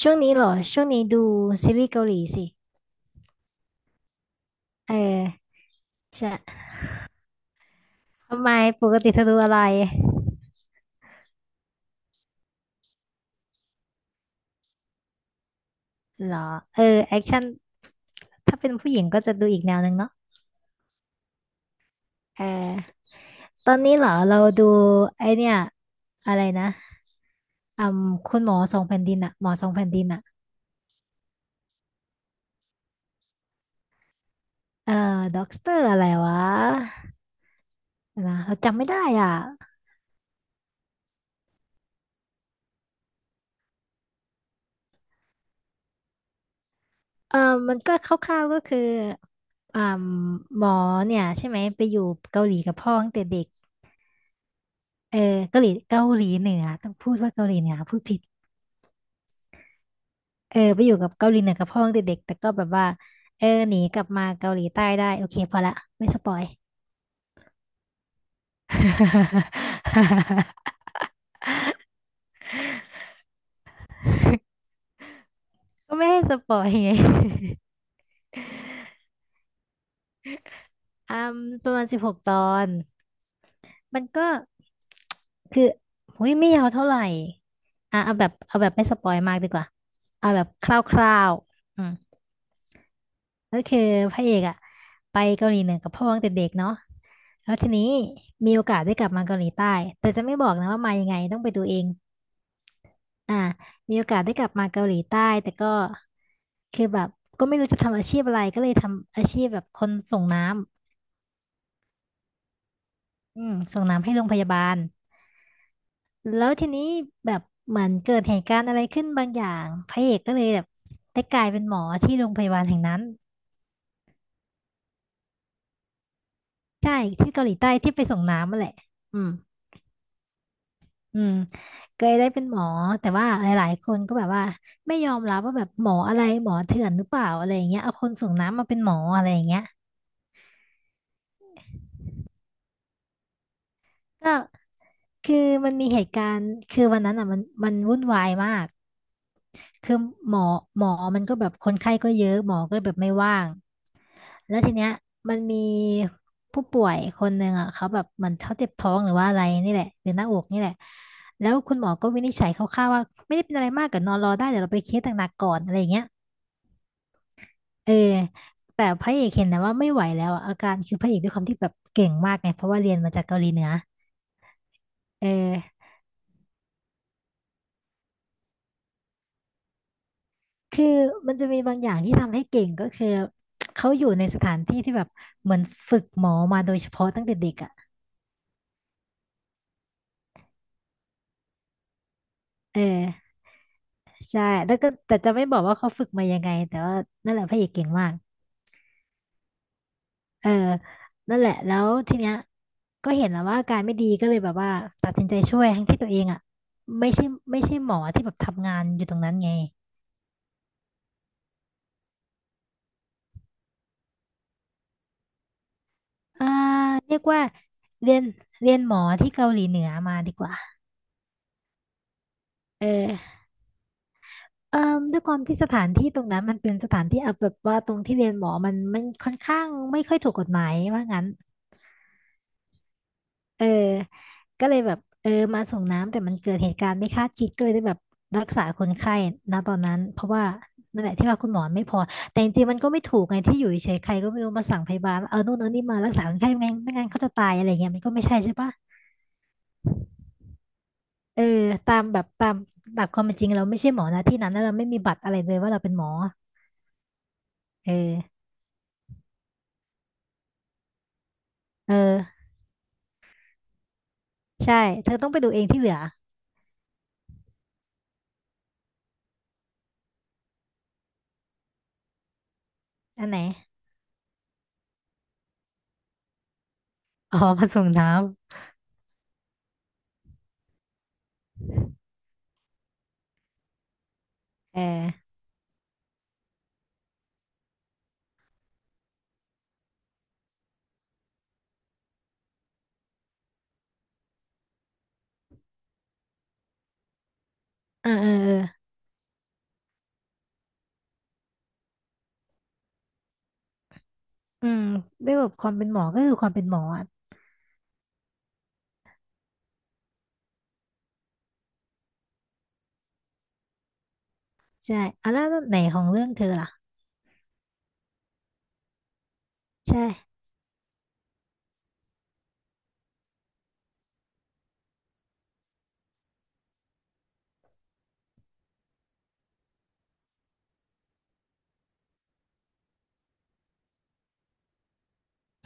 ช่วงนี้เหรอช่วงนี้ดูซีรีส์เกาหลีสิเออจะทำไมปกติเธอดูอะไรเหรอเออแอคชั่นถ้าเป็นผู้หญิงก็จะดูอีกแนวหนึ่งเนาะเออตอนนี้เหรอเราดูไอเนี่ยอะไรนะอืมคุณหมอสองแผ่นดินอะหมอสองแผ่นดินอะเออด็อกเตอร์อะไรวะนะเราจำไม่ได้อ่ะเออมันก็คร่าวๆก็คืออ่าหมอเนี่ยใช่ไหมไปอยู่เกาหลีกับพ่อตั้งแต่เด็ก เออเกาหลีเกาหลีเหนือต้องพูดว่าเกาหลีเหนือพูดผิดเออไปอยู่กับเกาหลีเหนือกับพ่อตั้งแต่เด็กแต่ก็แบบว่าเออหนีกลับมาเกาหลีใต้ได้โอเคพอละไม่สปอย ก็ไม่ให้สปอยไง อืมประมาณ16ตอนมันก็คือหุยไม่ยาวเท่าไหร่อ่ะเอาแบบเอาแบบไม่สปอยมากดีกว่าเอาแบบคร่าวๆอืม ก็คือพระเอกอะไปเกาหลีเหนือกับพ่อตั้งแต่เด็กเนาะแล้วทีนี้มีโอกาสได้กลับมาเกาหลีใต้แต่จะไม่บอกนะว่ามายังไงต้องไปดูเองอ่ามีโอกาสได้กลับมาเกาหลีใต้แต่ก็คือแบบก็ไม่รู้จะทำอาชีพอะไรก็เลยทำอาชีพแบบคนส่งน้ำอืมส่งน้ำให้โรงพยาบาลแล้วทีนี้แบบเหมือนเกิดเหตุการณ์อะไรขึ้นบางอย่างพระเอกก็เลยแบบได้กลายเป็นหมอที่โรงพยาบาลแห่งนั้นใช่ที่เกาหลีใต้ที่ไปส่งน้ำนั่นแหละอืม อืมเคยได้เป็นหมอแต่ว่าหลายๆคนก็แบบว่าไม่ยอมรับว่าแบบหมออะไรหมอเถื่อนหรือเปล่าอะไรอย่างเงี้ยเอาคนส่งน้ำมาเป็นหมออะไรอย่างเงี้ยก็คือมันมีเหตุการณ์คือวันนั้นอ่ะมันวุ่นวายมากคือหมอมันก็แบบคนไข้ก็เยอะหมอก็แบบไม่ว่างแล้วทีเนี้ยมันมีผู้ป่วยคนหนึ่งอ่ะเขาแบบเหมันเขาเจ็บท้องหรือว่าอะไรนี่แหละหรือหน้าอกนี่แหละแล้วคุณหมอก็วินิจฉัยคร่าวๆว่าไม่ได้เป็นอะไรมากก็นอนรอได้เดี๋ยวเราไปเคสหนักๆก่อนอะไรอย่างเงี้ย เออแต่พระเอกเห็นนะว่าไม่ไหวแล้วอะอาการคือพระเอกด้วยความที่แบบเก่งมากไงเพราะว่าเรียนมาจากเกาหลีเหนือเออคือมันจะมีบางอย่างที่ทำให้เก่งก็คือเขาอยู่ในสถานที่ที่แบบเหมือนฝึกหมอมาโดยเฉพาะตั้งแต่เด็กอ่ะเออใช่แล้วก็แต่จะไม่บอกว่าเขาฝึกมายังไงแต่ว่านั่นแหละพระเอกเก่งมากเออนั่นแหละแล้วทีเนี้ยก็เห็นแล้วว่าอาการไม่ดีก็เลยแบบว่าตัดสินใจช่วยทั้งที่ตัวเองอ่ะไม่ใช่ไม่ใช่หมอที่แบบทำงานอยู่ตรงนั้นไง อ่าเรียกว่าเรียนเรียนหมอที่เกาหลีเหนือมาดีกว่าเออเอ่อด้วยความที่สถานที่ตรงนั้นมันเป็นสถานที่เอาแบบว่าตรงที่เรียนหมอมันค่อนข้างไม่ค่อยถูกกฎหมายว่างั้นเออก็เลยแบบเออมาส่งน้ำแต่มันเกิดเหตุการณ์ไม่คาดคิดก็เลยได้แบบรักษาคนไข้ณตอนนั้นเพราะว่านั่นแหละที่ว่าคุณหมอไม่พอแต่จริงๆมันก็ไม่ถูกไงที่อยู่เฉยๆใครก็ไม่รู้มาสั่งพยาบาลว่าเอานู่นเอานี่มารักษาคนไข้ไม่งั้นไม่งั้นเขาจะตายอะไรเงี้ยมันก็ไม่ใช่ใช่ปะ เออตามแบบตามหลักความเป็นจริงเราไม่ใช่หมอนะที่นั้นแล้วเราไม่มีบัตรอะไรเลยว่าเราเป็นหมอเออเออใช่เธอต้องไปดูเองที่เหลืออันไหนอ๋อมาส่งน้ำเออเออเออเอออืมด้วยแบบความเป็นหมอก็คือความเป็นหมออะใช่อ่ะแล้วไหนของเรื่องเธอล่ะใช่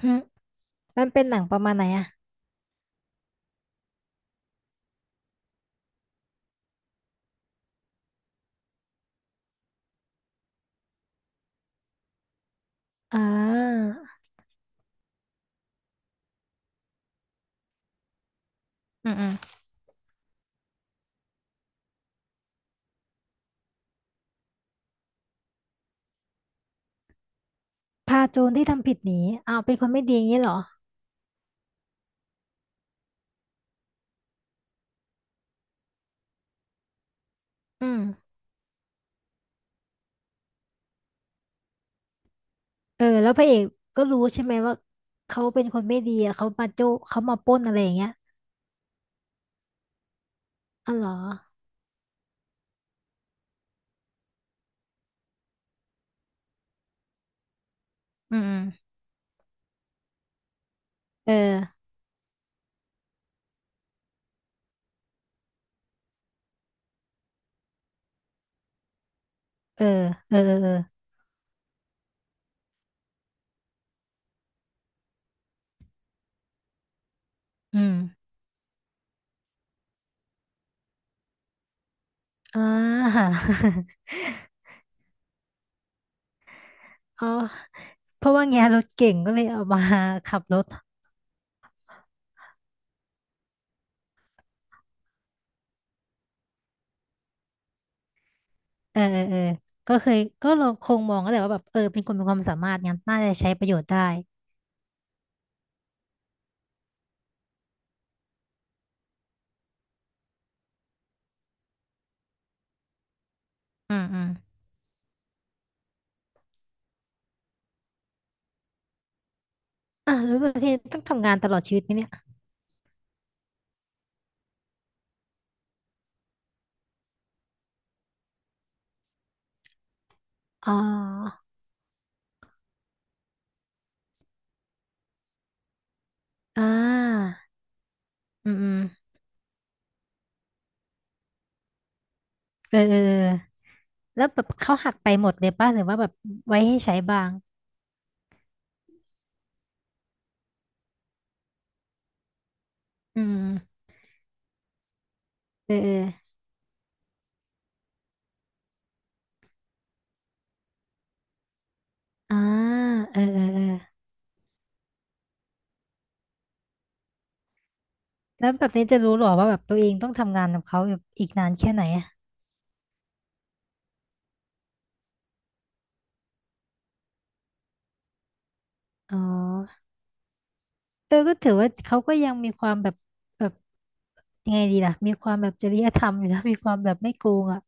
หึมันเป็นหนังประมาณไหนอ่ะอ่าอืมอืมพาโจรที่ทำผิดหนีอ้าวเป็นคนไม่ดีอย่างนี้เหรออืมเออแล้วพระเอกก็รู้ใช่ไหมว่าเขาเป็นคนไม่ดีอะเขามาโจเขามาปล้นอะไรอย่างเงี้ย อ๋อเหรออืมเออเออเออเออเอออืมอ่า เอาเพราะว่าแงรถเก่งก็เลยเอามาขับรถเออเออเออก็เคยก็เราคงมองก็แหละว่าแบบเออเป็นคนมีความสามารถงั้นน่าจะใช้ประโยชน์ได้อืมอืมอ่ะแล้วประเทศต้องทำงานตลอดชีวิตไหมเนี่ยอ๋ออ่าอืมอืมเออเออเออแล้วแบบเขาหักไปหมดเลยป่ะหรือว่าแบบไว้ให้ใช้บ้างอืมเออเอออ่าเออเออเออ แล้วแบบนี้จะรู้หรอว่าแบบตัวเองต้องทำงานกับเขาแบบอีกนานแค่ไหนอะอ๋อเออก็ถือว่าเขาก็ยังมีความแบบแบบยังไงดีล่ะมีความแบบจริยธรรมอยู่นะ มีความแบบไม่โกงอ่ะ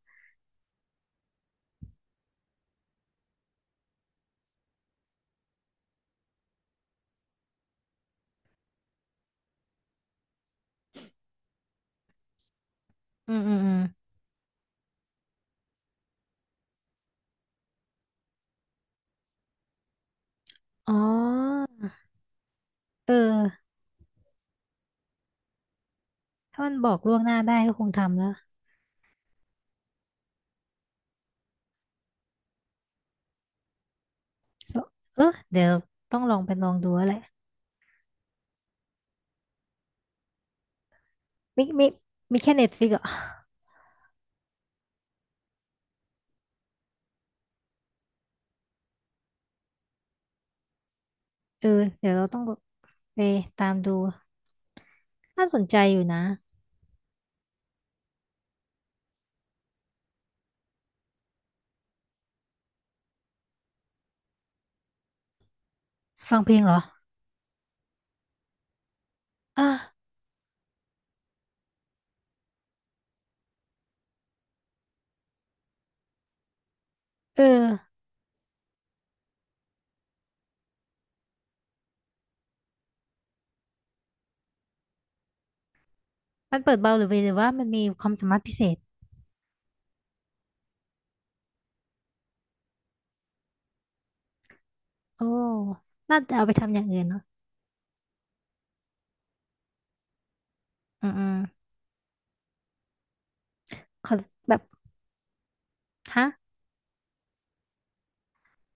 อืมอืมอืมอ๋อเออถ้ามันบอกล่วงหน้าได้ก็คงทำแล้ว So- เออเดี๋ยวต้องลองไปลองดูแล้วแหละไม่ไม่ไม่แค่เน็ตฟลิกอ่ะเออเดี๋ยวเราต้องแบบไปตามดูน่าสนใจอยู่นะฟังเพลงเหรออ่ะเออมันเปิดเบาหรือไปหรือว่ามันมีความสามารถพิเศษ โอ้น่าจะเอาไปทำอย่างอื่นเนาะอืมอืมขอแบบฮะ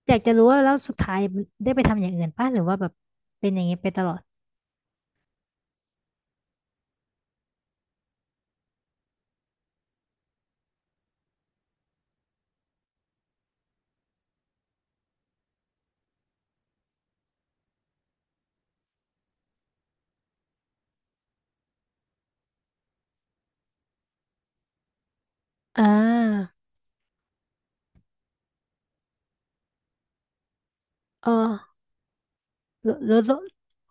อยากจะรู้ว่าแล้วสุดท้ายมันได้ไปทำอย่างอื่นป่ะหรือว่าแบบเป็นอย่างนี้ไปตลอดอ่าเออรู้รู้รู้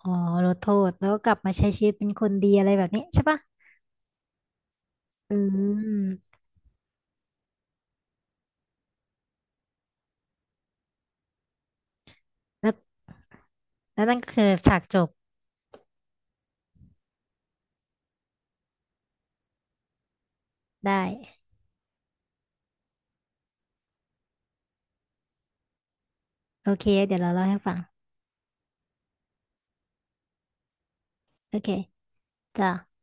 อ๋อรู้โทษแล้วก็กลับมาใช้ชีวิตเป็นคนดีอะไรแบบนี้ใช่ป่ะอืมแล้วแล้วนั่นก็คือฉากจบได้โอเคเดี๋ยวเราเล่าให้ฟังโอเคจ้ะ